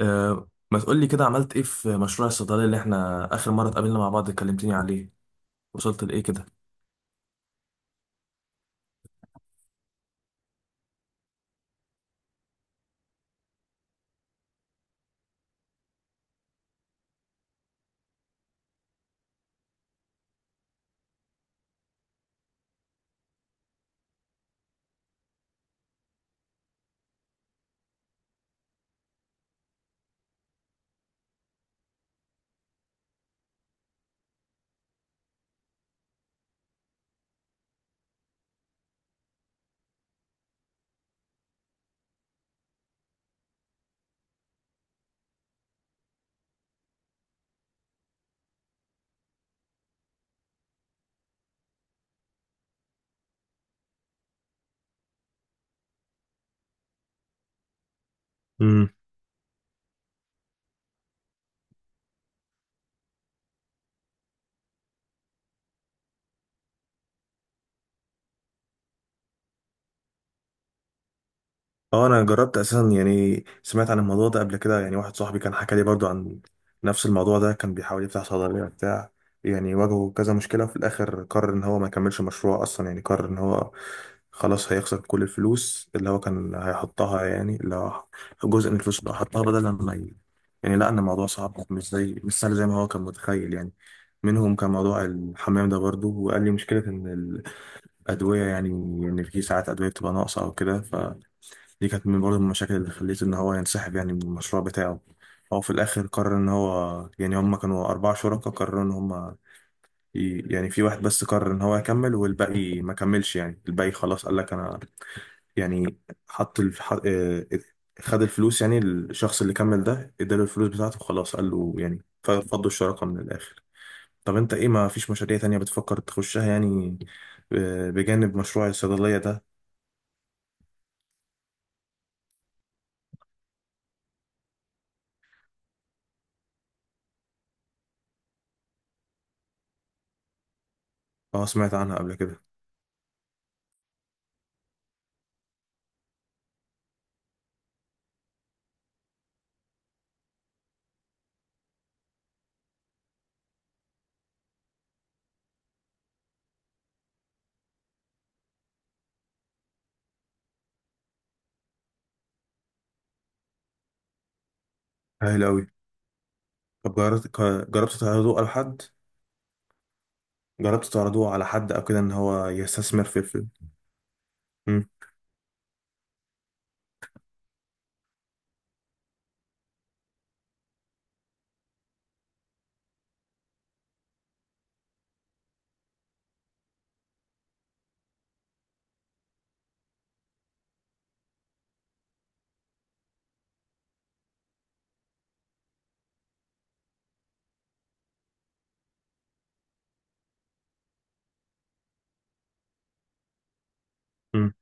أه، ما تقول لي كده، عملت ايه في مشروع الصيدلية اللي احنا اخر مرة اتقابلنا مع بعض اتكلمتني عليه؟ وصلت لايه كده؟ اه، انا جربت اساسا، يعني سمعت عن الموضوع ده قبل كده، يعني واحد صاحبي كان حكى لي برضو عن نفس الموضوع ده. كان بيحاول يفتح صيدليه بتاع، يعني واجهه كذا مشكله، وفي الاخر قرر ان هو ما يكملش مشروع اصلا، يعني قرر ان هو خلاص هيخسر كل الفلوس اللي هو كان هيحطها، يعني اللي هو جزء من الفلوس اللي حطها بدل ما يعني، لا، ان الموضوع صعب، مش زي مش سهل زي ما هو كان متخيل يعني. منهم كان موضوع الحمام ده برضو، وقال لي مشكلة إن الأدوية يعني، إن في ساعات أدوية بتبقى ناقصة أو كده. دي كانت من برضه من المشاكل اللي خليته ان هو ينسحب يعني من المشروع بتاعه. هو في الاخر قرر ان هو، يعني هم كانوا اربع شركاء، قرروا ان هم يعني في واحد بس قرر ان هو يكمل، والباقي ما كملش، يعني الباقي خلاص قال لك انا، يعني حط الف... ح- آه، خد الفلوس، يعني الشخص اللي كمل ده اداله الفلوس بتاعته، خلاص قال له يعني فضوا الشراكة من الاخر. طب انت ايه، ما فيش مشاريع تانية بتفكر تخشها يعني؟ بجانب مشروع الصيدلية ده؟ اه، سمعت عنها قبل كده. هايل اوي. طب جربت جربت تعرضوه على حد؟ جربت تعرضوه على حد او كده ان هو يستثمر في الفيلم؟ مم. مم.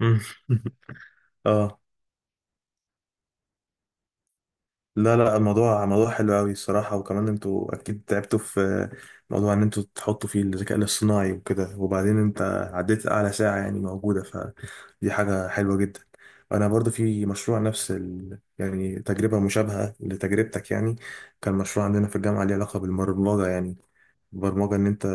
مم. اه، لا لا، الموضوع موضوع حلو قوي الصراحة، وكمان انتوا اكيد تعبتوا في موضوع ان انتوا تحطوا فيه الذكاء الاصطناعي وكده، وبعدين انت عديت اعلى ساعة يعني موجودة، فدي حاجة حلوة جدا. انا برضو في مشروع نفس يعني تجربة مشابهة لتجربتك يعني. كان مشروع عندنا في الجامعة ليه علاقة بالبرمجة، يعني البرمجة إن أنت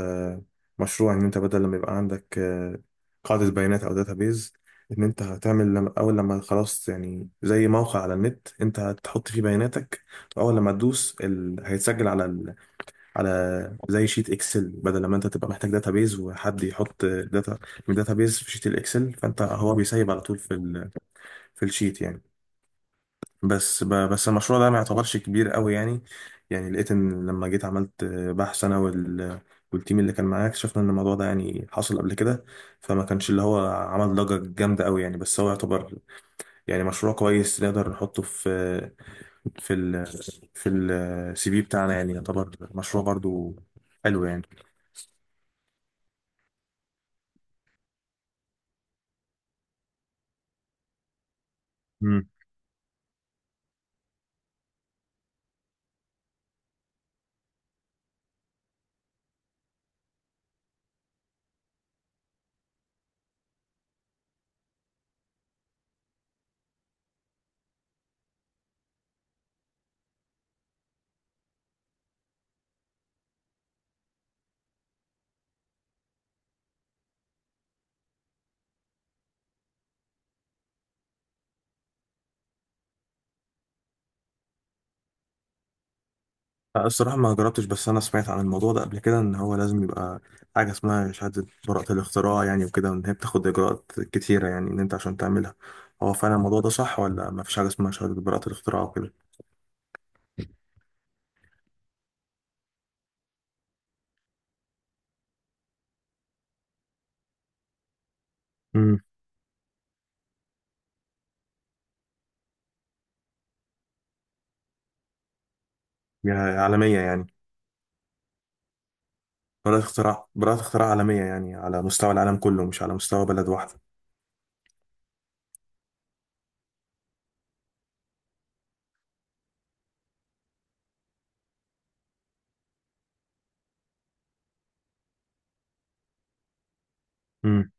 مشروع إن أنت بدل لما يبقى عندك قاعدة بيانات أو داتابيز، إن أنت هتعمل لما أول لما خلاص، يعني زي موقع على النت، أنت هتحط فيه بياناتك، وأول لما تدوس هيتسجل على على زي شيت إكسل، بدل لما أنت تبقى محتاج داتابيز وحد يحط داتا من داتابيز في شيت الإكسل، فأنت هو بيسيب على طول في في الشيت يعني. بس بس المشروع ده ما يعتبرش كبير قوي يعني. يعني لقيت ان لما جيت عملت بحث انا والتيم اللي كان معايا، اكتشفنا ان الموضوع ده يعني حصل قبل كده، فما كانش اللي هو عمل ضجة جامدة قوي يعني، بس هو يعتبر يعني مشروع كويس نقدر نحطه في ال... في CV بتاعنا، يعني يعتبر مشروع برضو حلو يعني. لا، الصراحة ما جربتش، بس أنا سمعت عن الموضوع ده قبل كده إن هو لازم يبقى حاجة اسمها شهادة براءة الاختراع، يعني وكده، وإن هي بتاخد إجراءات كتيرة يعني إن أنت عشان تعملها. هو فعلا الموضوع ده صح، ولا ما فيش حاجة اسمها شهادة براءة الاختراع وكده؟ امم. يعني عالمية يعني؟ براءة اختراع، براءة اختراع عالمية، يعني على مستوى العالم كله، مش على مستوى بلد واحدة. امم.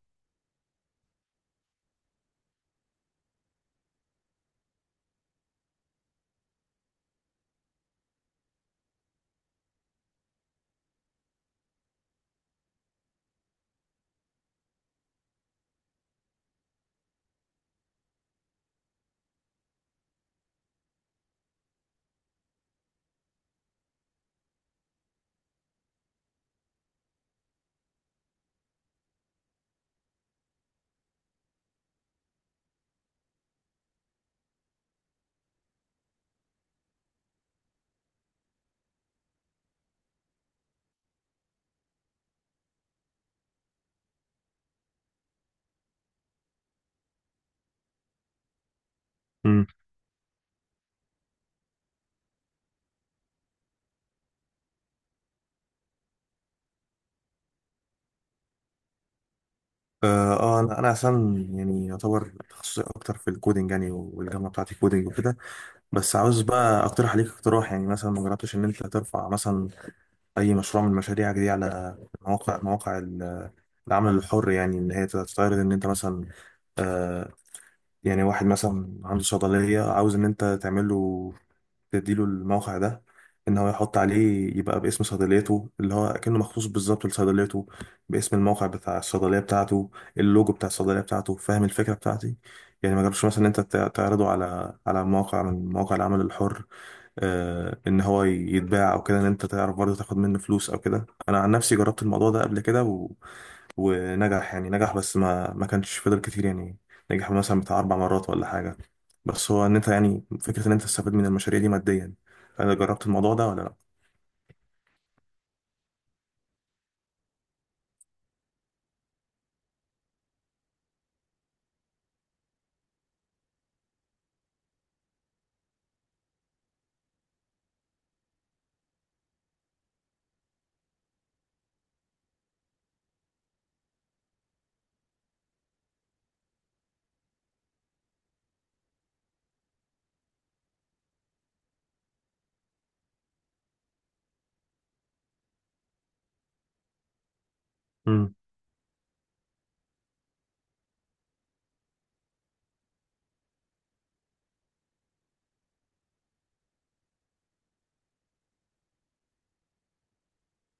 امم. آه، أنا أصلا يعني يعتبر تخصصي أكتر في الكودينج يعني، والجامعة بتاعتي كودينج وكده. بس عاوز بقى أقترح عليك اقتراح، يعني مثلا ما جربتش إن أنت ترفع مثلا اي مشروع من المشاريع دي على مواقع العمل الحر، يعني ان هي تستعرض ان انت مثلا آه يعني واحد مثلا عنده صيدليه، عاوز ان انت تعمل له تديله الموقع ده، ان هو يحط عليه يبقى باسم صيدليته، اللي هو كأنه مخصوص بالظبط لصيدليته، باسم الموقع بتاع الصيدليه بتاعته، اللوجو بتاع الصيدليه بتاعته. فاهم الفكره بتاعتي؟ يعني ما جربش مثلا إن انت تعرضه على موقع من مواقع العمل الحر، ان هو يتباع او كده، ان انت تعرف برضه تاخد منه فلوس او كده. انا عن نفسي جربت الموضوع ده قبل كده ونجح يعني، نجح، بس ما كانش فضل كتير يعني. نجح مثلا بتاع اربع مرات ولا حاجه، بس هو ان انت يعني فكره ان انت تستفيد من المشاريع دي ماديا. انا جربت الموضوع ده ولا لا؟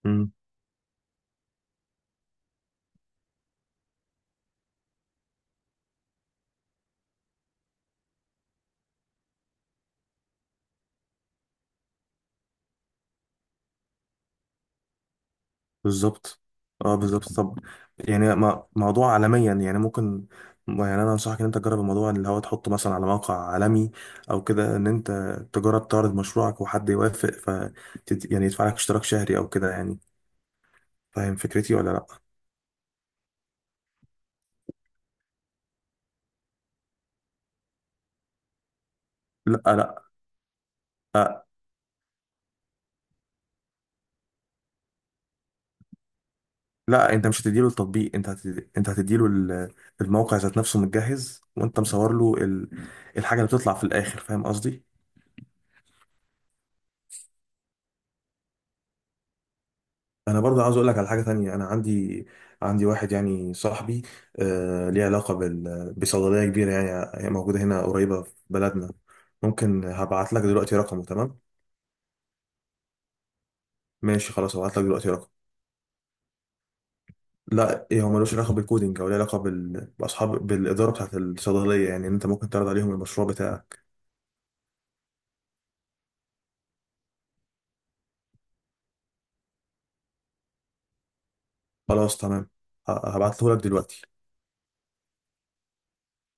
امم. بالظبط. اه، بالظبط. طب يعني موضوع عالميا يعني ممكن، يعني انا انصحك ان انت تجرب الموضوع اللي هو تحطه مثلا على موقع عالمي، او كده ان انت تجرب تعرض مشروعك، وحد يوافق، ف يعني يدفع لك اشتراك شهري او كده يعني. فاهم فكرتي ولا لا؟ لا، لا، لا، لا انت مش هتديله التطبيق، انت انت هتديله الموقع ذات نفسه متجهز، وانت مصور له الحاجه اللي بتطلع في الاخر. فاهم قصدي؟ انا برضه عاوز اقول لك على حاجه تانية. انا عندي، واحد يعني صاحبي، آه، ليه علاقه بصيدليه كبيره يعني، هي موجوده هنا قريبه في بلدنا. ممكن هبعت لك دلوقتي رقمه، تمام؟ ماشي، خلاص، هبعت لك دلوقتي رقم. لا، إيه، هو ملوش علاقه بالكودينج، او ليه علاقه بالاداره بتاعت الصيدليه، يعني انت ممكن تعرض عليهم المشروع بتاعك. خلاص، تمام. هبعته لك دلوقتي.